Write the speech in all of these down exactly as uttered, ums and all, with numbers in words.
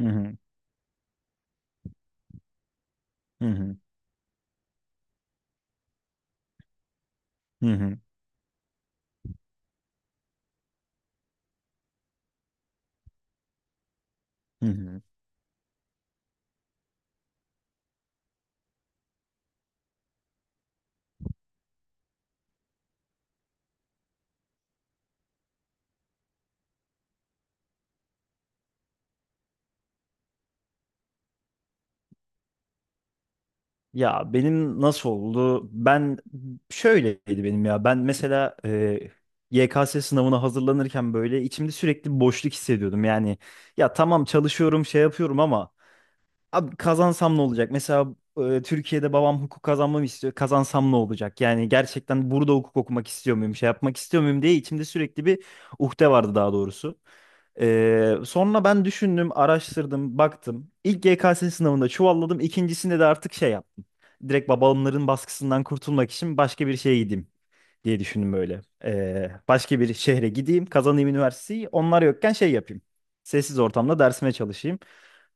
Hı hı, hı hı, hı hı, hı hı. Ya benim nasıl oldu? Ben şöyleydi benim ya. Ben mesela e, Y K S sınavına hazırlanırken böyle içimde sürekli bir boşluk hissediyordum. Yani ya tamam çalışıyorum, şey yapıyorum ama abi kazansam ne olacak? Mesela e, Türkiye'de babam hukuk kazanmamı istiyor. Kazansam ne olacak? Yani gerçekten burada hukuk okumak istiyor muyum, şey yapmak istiyor muyum diye içimde sürekli bir uhde vardı daha doğrusu. Ee, sonra ben düşündüm, araştırdım, baktım. İlk G K S sınavında çuvalladım. İkincisinde de artık şey yap. Direkt babamların baskısından kurtulmak için başka bir şeye gideyim diye düşündüm böyle. Ee, başka bir şehre gideyim, kazanayım üniversiteyi. Onlar yokken şey yapayım. Sessiz ortamda dersime çalışayım.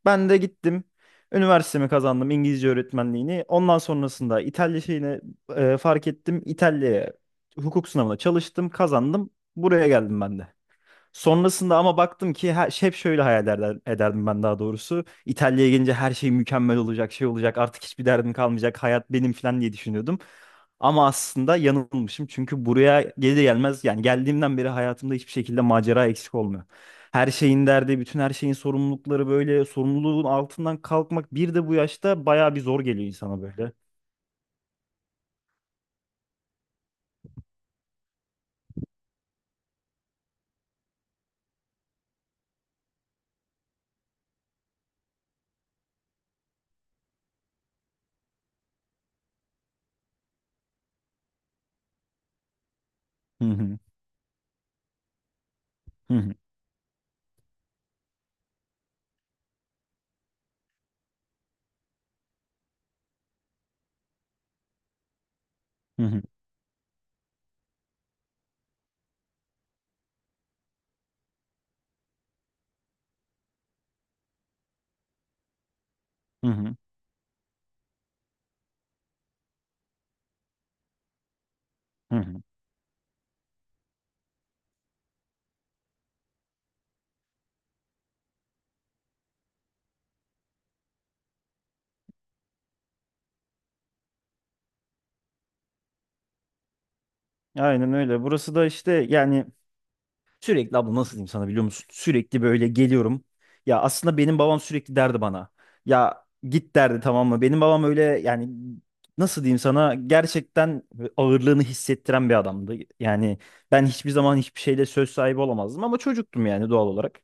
Ben de gittim. Üniversitemi kazandım İngilizce öğretmenliğini. Ondan sonrasında İtalya şeyine e, fark ettim. İtalya'ya hukuk sınavına çalıştım, kazandım. Buraya geldim ben de. Sonrasında ama baktım ki her, hep şöyle hayal eder, ederdim ben daha doğrusu. İtalya'ya gelince her şey mükemmel olacak, şey olacak, artık hiçbir derdim kalmayacak, hayat benim falan diye düşünüyordum. Ama aslında yanılmışım çünkü buraya gelir gelmez yani geldiğimden beri hayatımda hiçbir şekilde macera eksik olmuyor. Her şeyin derdi, bütün her şeyin sorumlulukları böyle sorumluluğun altından kalkmak bir de bu yaşta bayağı bir zor geliyor insana böyle. Hı hı, hı hı, hı hı, hı hı, hı hı. Aynen öyle. Burası da işte yani sürekli abla nasıl diyeyim sana biliyor musun? Sürekli böyle geliyorum. Ya aslında benim babam sürekli derdi bana. Ya git derdi tamam mı? Benim babam öyle yani nasıl diyeyim sana gerçekten ağırlığını hissettiren bir adamdı. Yani ben hiçbir zaman hiçbir şeyle söz sahibi olamazdım ama çocuktum yani doğal olarak.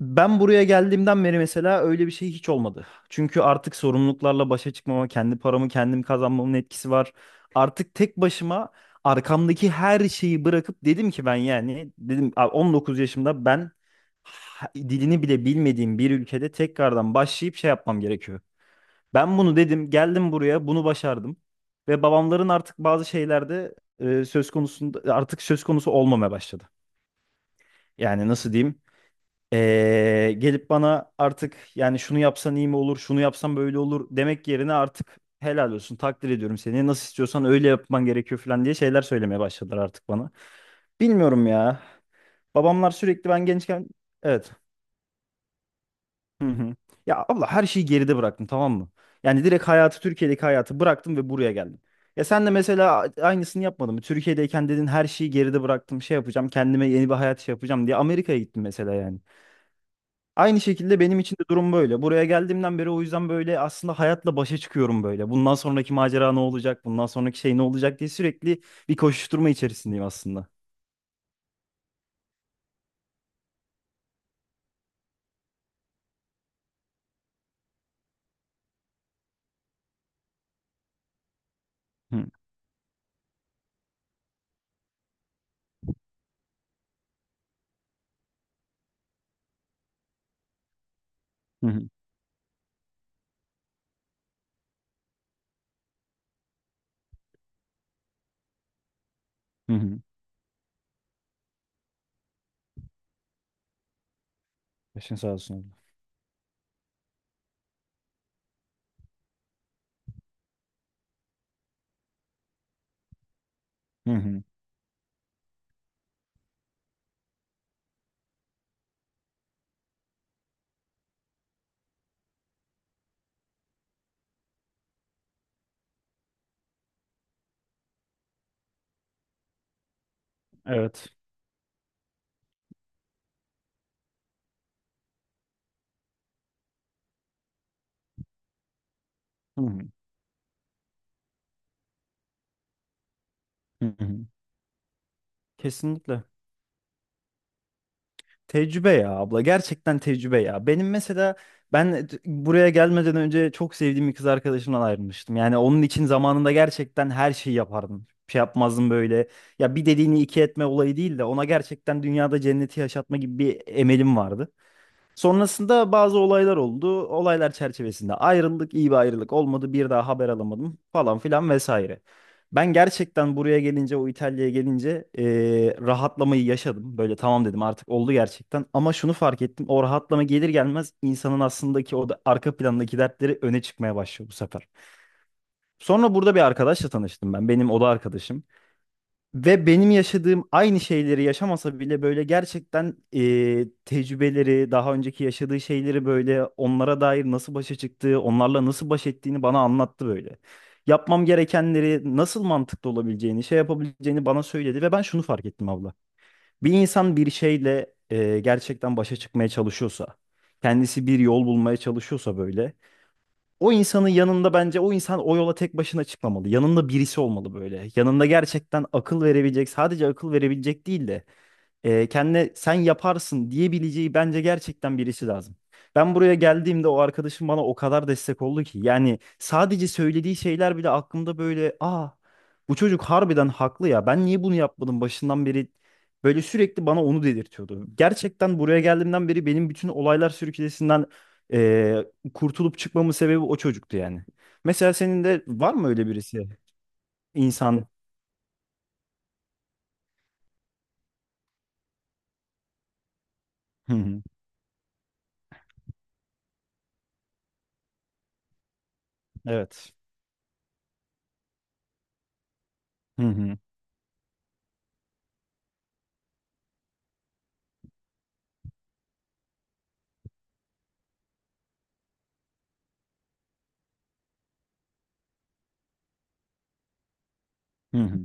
Ben buraya geldiğimden beri mesela öyle bir şey hiç olmadı. Çünkü artık sorumluluklarla başa çıkmama, kendi paramı kendim kazanmamın etkisi var. Artık tek başıma arkamdaki her şeyi bırakıp dedim ki ben yani dedim "A, on dokuz yaşımda ben ha- dilini bile bilmediğim bir ülkede tekrardan başlayıp şey yapmam gerekiyor. Ben bunu dedim, geldim buraya, bunu başardım ve babamların artık bazı şeylerde e, söz konusunda artık söz konusu olmamaya başladı. Yani nasıl diyeyim? Ee, gelip bana artık yani şunu yapsan iyi mi olur, şunu yapsan böyle olur demek yerine artık helal olsun, takdir ediyorum seni. Nasıl istiyorsan öyle yapman gerekiyor falan diye şeyler söylemeye başladılar artık bana. Bilmiyorum ya. Babamlar sürekli ben gençken, evet. Hı hı. Ya abla her şeyi geride bıraktım tamam mı? Yani direkt hayatı Türkiye'deki hayatı bıraktım ve buraya geldim. Ya sen de mesela aynısını yapmadın mı? Türkiye'deyken dedin her şeyi geride bıraktım, şey yapacağım, kendime yeni bir hayat şey yapacağım diye Amerika'ya gittin mesela yani. Aynı şekilde benim için de durum böyle. Buraya geldiğimden beri o yüzden böyle aslında hayatla başa çıkıyorum böyle. Bundan sonraki macera ne olacak? Bundan sonraki şey ne olacak diye sürekli bir koşuşturma içerisindeyim aslında. Hı hı hı. Hı. Hı. Başın sağ olsun abla. Hı hı. Evet. Hı hı hı. Hı. Kesinlikle. Tecrübe ya abla. Gerçekten tecrübe ya. Benim mesela ben t- buraya gelmeden önce çok sevdiğim bir kız arkadaşımdan ayrılmıştım. Yani onun için zamanında gerçekten her şeyi yapardım. Bir şey yapmazdım böyle. Ya bir dediğini iki etme olayı değil de ona gerçekten dünyada cenneti yaşatma gibi bir emelim vardı. Sonrasında bazı olaylar oldu. Olaylar çerçevesinde ayrıldık, iyi bir ayrılık olmadı. Bir daha haber alamadım falan filan vesaire. Ben gerçekten buraya gelince, o İtalya'ya gelince eee, rahatlamayı yaşadım. Böyle tamam dedim artık oldu gerçekten. Ama şunu fark ettim. O rahatlama gelir gelmez insanın aslındaki o da, arka plandaki dertleri öne çıkmaya başlıyor bu sefer. Sonra burada bir arkadaşla tanıştım ben. Benim oda arkadaşım. Ve benim yaşadığım aynı şeyleri yaşamasa bile böyle gerçekten e, tecrübeleri, daha önceki yaşadığı şeyleri böyle onlara dair nasıl başa çıktığı, onlarla nasıl baş ettiğini bana anlattı böyle. Yapmam gerekenleri nasıl mantıklı olabileceğini, şey yapabileceğini bana söyledi ve ben şunu fark ettim abla. Bir insan bir şeyle e, gerçekten başa çıkmaya çalışıyorsa, kendisi bir yol bulmaya çalışıyorsa böyle o insanın yanında bence o insan o yola tek başına çıkmamalı. Yanında birisi olmalı böyle. Yanında gerçekten akıl verebilecek, sadece akıl verebilecek değil de e, kendine sen yaparsın diyebileceği bence gerçekten birisi lazım. Ben buraya geldiğimde o arkadaşım bana o kadar destek oldu ki. Yani sadece söylediği şeyler bile aklımda böyle aa bu çocuk harbiden haklı ya ben niye bunu yapmadım başından beri böyle sürekli bana onu dedirtiyordu. Gerçekten buraya geldiğimden beri benim bütün olaylar sürüklesinden e, kurtulup çıkmamın sebebi o çocuktu yani. Mesela senin de var mı öyle birisi? İnsan. Hı hı. Evet. Hı hı. Hı hı.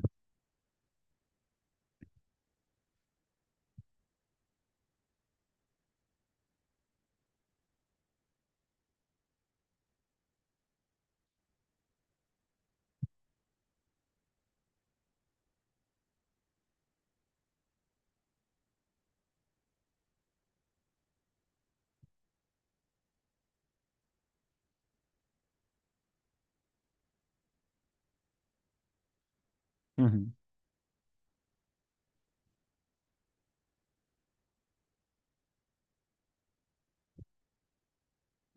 Hı hı.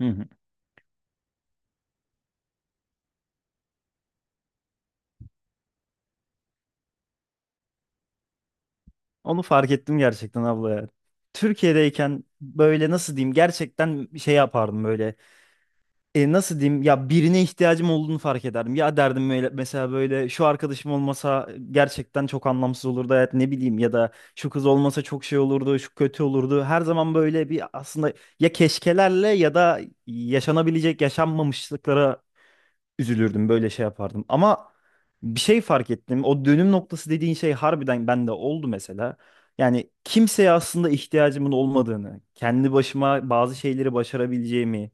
Hı hı. Onu fark ettim gerçekten abla ya. Türkiye'deyken böyle nasıl diyeyim gerçekten şey yapardım böyle. E, nasıl diyeyim ya birine ihtiyacım olduğunu fark ederdim. Ya derdim böyle, mesela böyle şu arkadaşım olmasa gerçekten çok anlamsız olurdu hayat ne bileyim ya da şu kız olmasa çok şey olurdu şu kötü olurdu. Her zaman böyle bir aslında ya keşkelerle ya da yaşanabilecek yaşanmamışlıklara üzülürdüm böyle şey yapardım. Ama bir şey fark ettim. O dönüm noktası dediğin şey harbiden bende oldu mesela. Yani kimseye aslında ihtiyacımın olmadığını, kendi başıma bazı şeyleri başarabileceğimi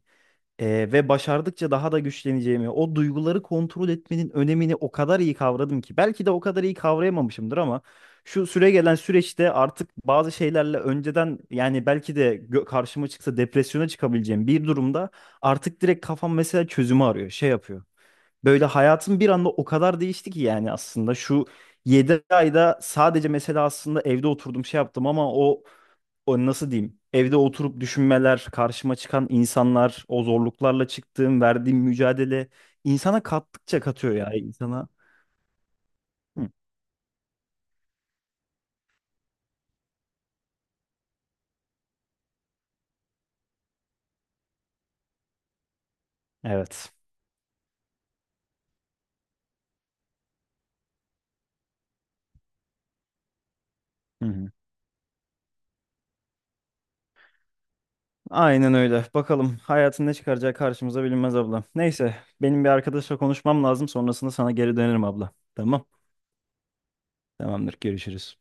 e, ve başardıkça daha da güçleneceğimi, o duyguları kontrol etmenin önemini o kadar iyi kavradım ki. Belki de o kadar iyi kavrayamamışımdır ama şu süre gelen süreçte artık bazı şeylerle önceden yani belki de gö- karşıma çıksa depresyona çıkabileceğim bir durumda artık direkt kafam mesela çözümü arıyor, şey yapıyor. Böyle hayatım bir anda o kadar değişti ki yani aslında şu yedi ayda sadece mesela aslında evde oturdum şey yaptım ama o, o nasıl diyeyim evde oturup düşünmeler karşıma çıkan insanlar o zorluklarla çıktığım verdiğim mücadele insana kattıkça katıyor ya insana. Hı, evet. Hı hı. Aynen öyle. Bakalım hayatın ne çıkaracağı karşımıza bilinmez abla. Neyse benim bir arkadaşla konuşmam lazım sonrasında sana geri dönerim abla. Tamam. Tamamdır görüşürüz.